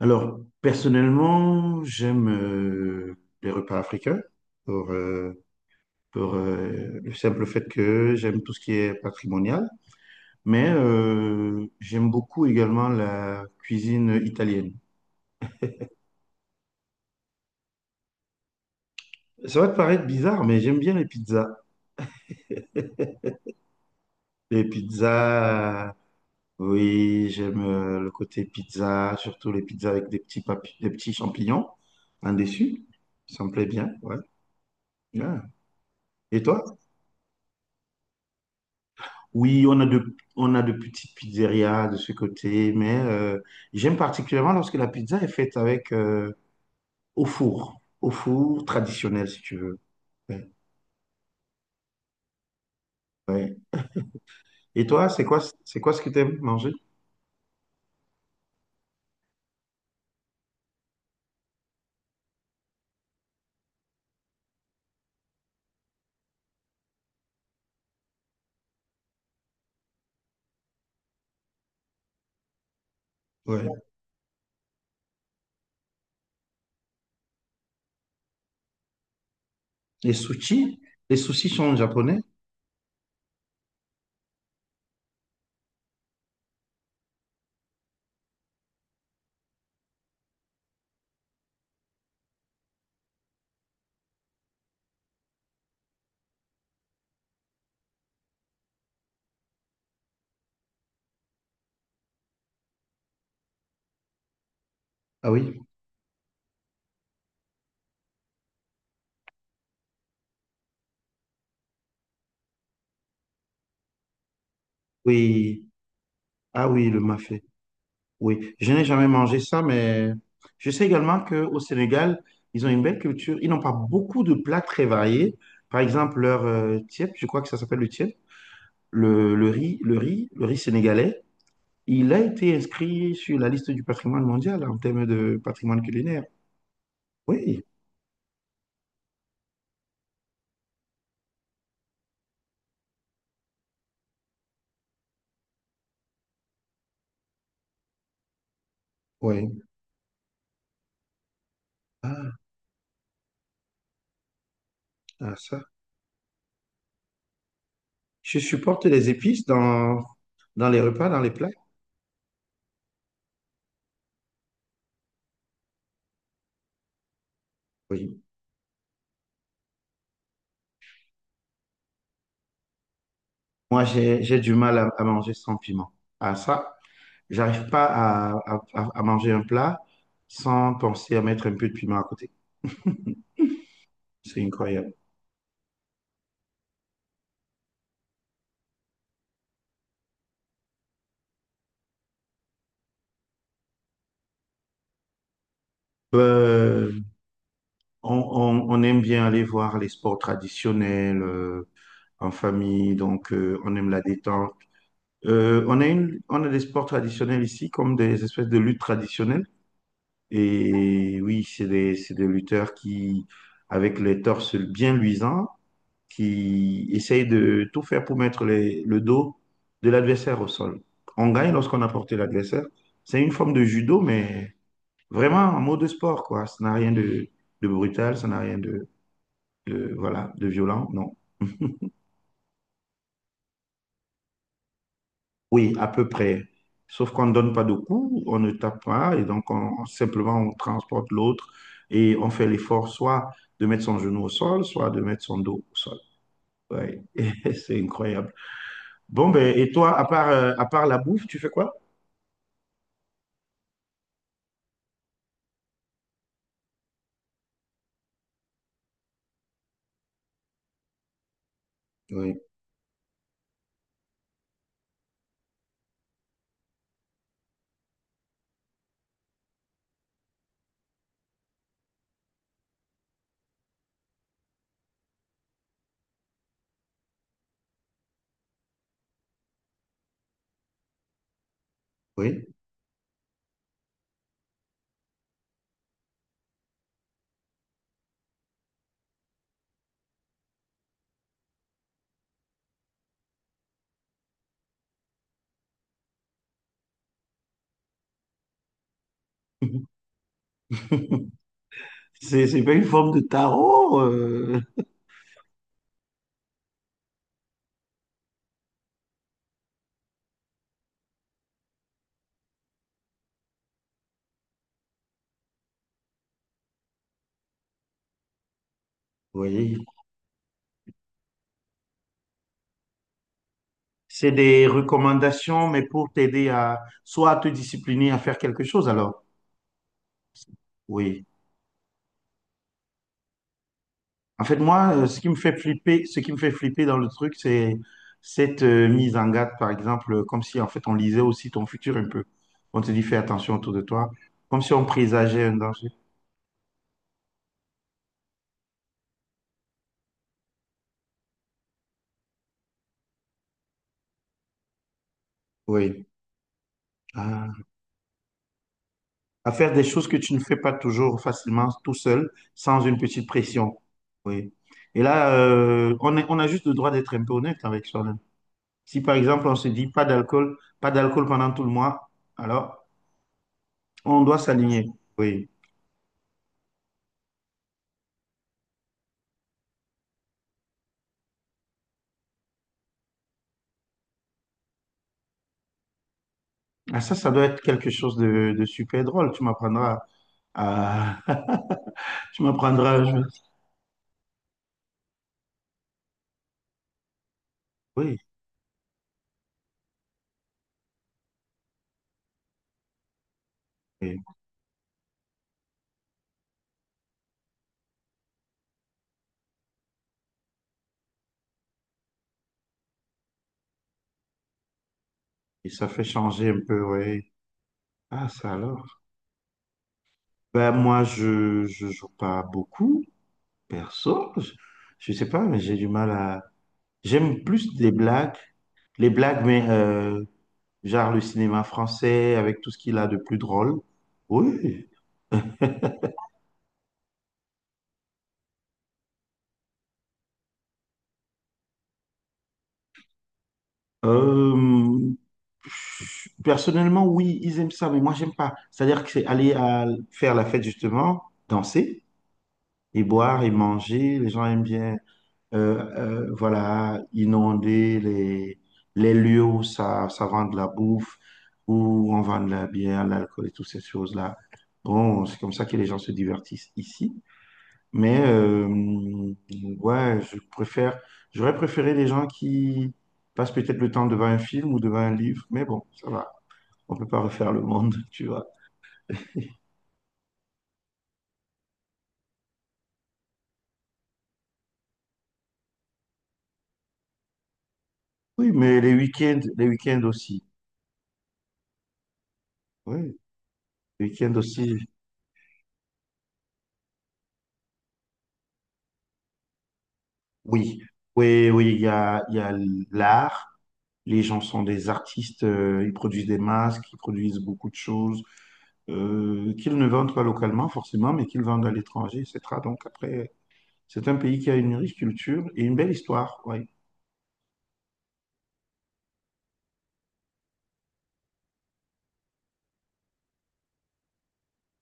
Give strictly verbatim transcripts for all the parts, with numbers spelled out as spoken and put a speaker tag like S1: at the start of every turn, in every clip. S1: Alors, personnellement, j'aime euh, les repas africains pour, euh, pour euh, le simple fait que j'aime tout ce qui est patrimonial, mais euh, j'aime beaucoup également la cuisine italienne. Ça va te paraître bizarre, mais j'aime bien les pizzas. Les pizzas, oui, j'aime euh, le côté pizza, surtout les pizzas avec des petits, papi- des petits champignons en dessus. Ça me plaît bien, ouais. Ouais. Et toi? Oui, on a de, on a de petites pizzerias de ce côté, mais euh, j'aime particulièrement lorsque la pizza est faite avec euh, au four, au four traditionnel si tu veux. Ouais, ouais. Et toi, c'est quoi, c'est quoi ce que tu aimes manger? Ouais. Les sushis? Les sushis sont japonais? Ah oui, oui, ah oui, le mafé. Oui, je n'ai jamais mangé ça, mais je sais également qu'au Sénégal, ils ont une belle culture. Ils n'ont pas beaucoup de plats très variés. Par exemple, leur euh, thiep, je crois que ça s'appelle le thiep. Le, le riz, le riz, le riz sénégalais, il a été inscrit sur la liste du patrimoine mondial en termes de patrimoine culinaire. Oui, oui. Ah, ah, ça. Je supporte les épices dans, dans les repas, dans les plats. Oui. Moi, j'ai, j'ai du mal à, à manger sans piment. Ah, ça, j'arrive pas à, à, à à manger un plat sans penser à mettre un peu de piment à côté. C'est incroyable. Euh, on, on- on aime bien aller voir les sports traditionnels. Euh, en famille, donc euh, on aime la détente. Euh, on a une, on a des sports traditionnels ici, comme des espèces de luttes traditionnelles. Et oui, c'est des, c'est des lutteurs qui, avec les torses bien luisants, qui essayent de tout faire pour mettre les- le dos de l'adversaire au sol. On gagne lorsqu'on a porté l'adversaire. C'est une forme de judo, mais vraiment en mode sport, quoi. Ça n'a rien de, de brutal, ça n'a rien de, de, voilà, de violent, non. Oui, à peu près. Sauf qu'on ne donne pas de coups, on ne tape pas, et donc on, simplement on transporte l'autre et on fait l'effort soit de mettre son genou au sol, soit de mettre son dos au sol. Ouais, c'est incroyable. Bon, ben, et toi, à part, euh, à part la bouffe, tu fais quoi? Oui, oui. C'est, c'est pas une forme de tarot. euh, Oui. C'est des recommandations, mais pour t'aider à soit à te discipliner à faire quelque chose, alors. Oui. En fait, moi, euh, ce qui me fait flipper, ce qui me fait flipper dans le truc, c'est cette euh, mise en garde, par exemple, euh, comme si en fait on lisait aussi ton futur un peu. On te dit fais attention autour de toi, comme si on présageait un danger. Oui. Ah. À faire des choses que tu ne fais pas toujours facilement tout seul, sans une petite pression. Oui. Et là, euh, on est- on a juste le droit d'être un peu honnête avec soi-même. Si par exemple on se dit pas d'alcool, pas d'alcool pendant tout le mois, alors on doit s'aligner. Oui. Ah, ça, ça doit être quelque chose de, de super drôle. Tu m'apprendras à... Tu m'apprendras à jouer. Oui, et, et ça fait changer un peu, oui. Ah, ça alors. Ben, moi, je je joue pas beaucoup, perso. Je, je sais pas, mais j'ai du mal à... J'aime plus les blagues. Les blagues, mais euh, genre le cinéma français, avec tout ce qu'il a de plus drôle. Oui, Euh, personnellement, oui, ils aiment ça, mais moi, j'aime pas. C'est-à-dire que c'est aller à faire la fête, justement, danser et boire et manger. Les gens aiment bien, euh, euh, voilà, inonder les, les lieux où ça, ça vend de la bouffe, où on vend de la bière, l'alcool et toutes ces choses-là. Bon, c'est comme ça que les gens se divertissent ici. Mais euh, ouais, je préfère, j'aurais préféré les gens qui passent peut-être le temps devant un film ou devant un livre, mais bon, ça va, on peut pas refaire le monde, tu vois. Oui, mais les week-ends, les week-ends aussi. Oui, les week-ends aussi. Oui, oui, oui, il y a, il y a l'art. Les gens sont des artistes, euh, ils produisent des masques, ils produisent beaucoup de choses euh, qu'ils ne vendent pas localement forcément, mais qu'ils vendent à l'étranger, et cetera. Donc après, c'est un pays qui a une riche culture et une belle histoire. Ouais.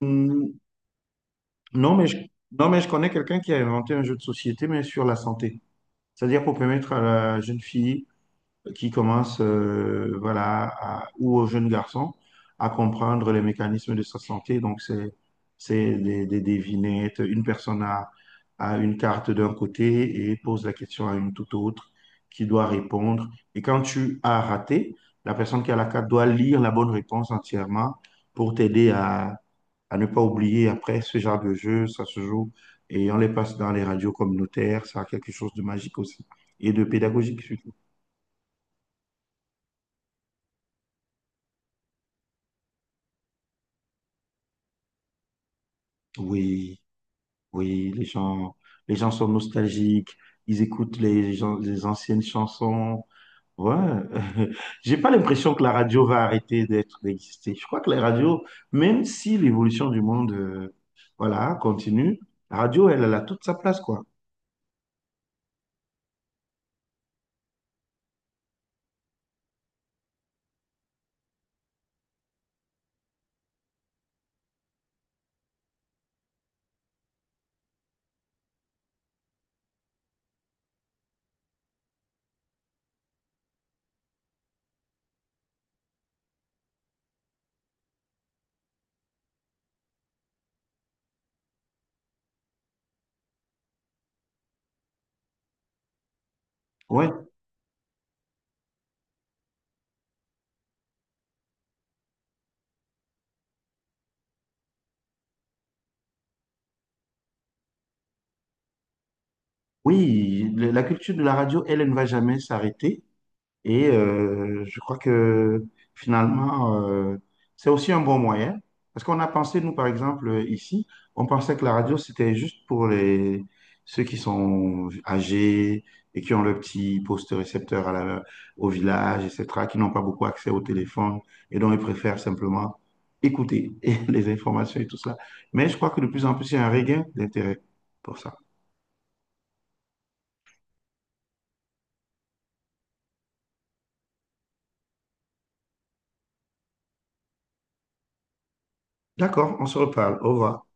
S1: Hmm, Non, mais je, non, mais je connais quelqu'un qui a inventé un jeu de société, mais sur la santé. C'est-à-dire pour permettre à la jeune fille qui commence, euh, voilà, à- ou au jeune garçon, à comprendre les mécanismes de sa santé. Donc, c'est, c'est des, des devinettes. Une personne a, a une carte d'un côté et pose la question à une toute autre qui doit répondre. Et quand tu as raté, la personne qui a la carte doit lire la bonne réponse entièrement pour t'aider à ne pas oublier. Après, ce genre de jeu, ça se joue et on les passe dans les radios communautaires. Ça a quelque chose de magique aussi et de pédagogique surtout. Oui, oui, les gens, les gens sont nostalgiques. Ils écoutent les, gens- les anciennes chansons. Ouais, j'ai pas l'impression que la radio va arrêter d'être d'exister. Je crois que la radio, même si l'évolution du monde, euh, voilà, continue, la radio, elle, elle a toute sa place, quoi. Ouais. Oui, le- la culture de la radio, elle, elle ne va jamais s'arrêter. Et euh, je crois que finalement, euh, c'est aussi un bon moyen. Parce qu'on a pensé, nous, par exemple, ici, on pensait que la radio, c'était juste pour les, ceux qui sont âgés et qui ont le petit poste récepteur à la, au village, et cetera, qui n'ont pas beaucoup accès au téléphone et dont ils préfèrent simplement écouter et les informations et tout ça. Mais je crois que de plus en plus, il y a un regain d'intérêt pour ça. D'accord, on se reparle. Au revoir.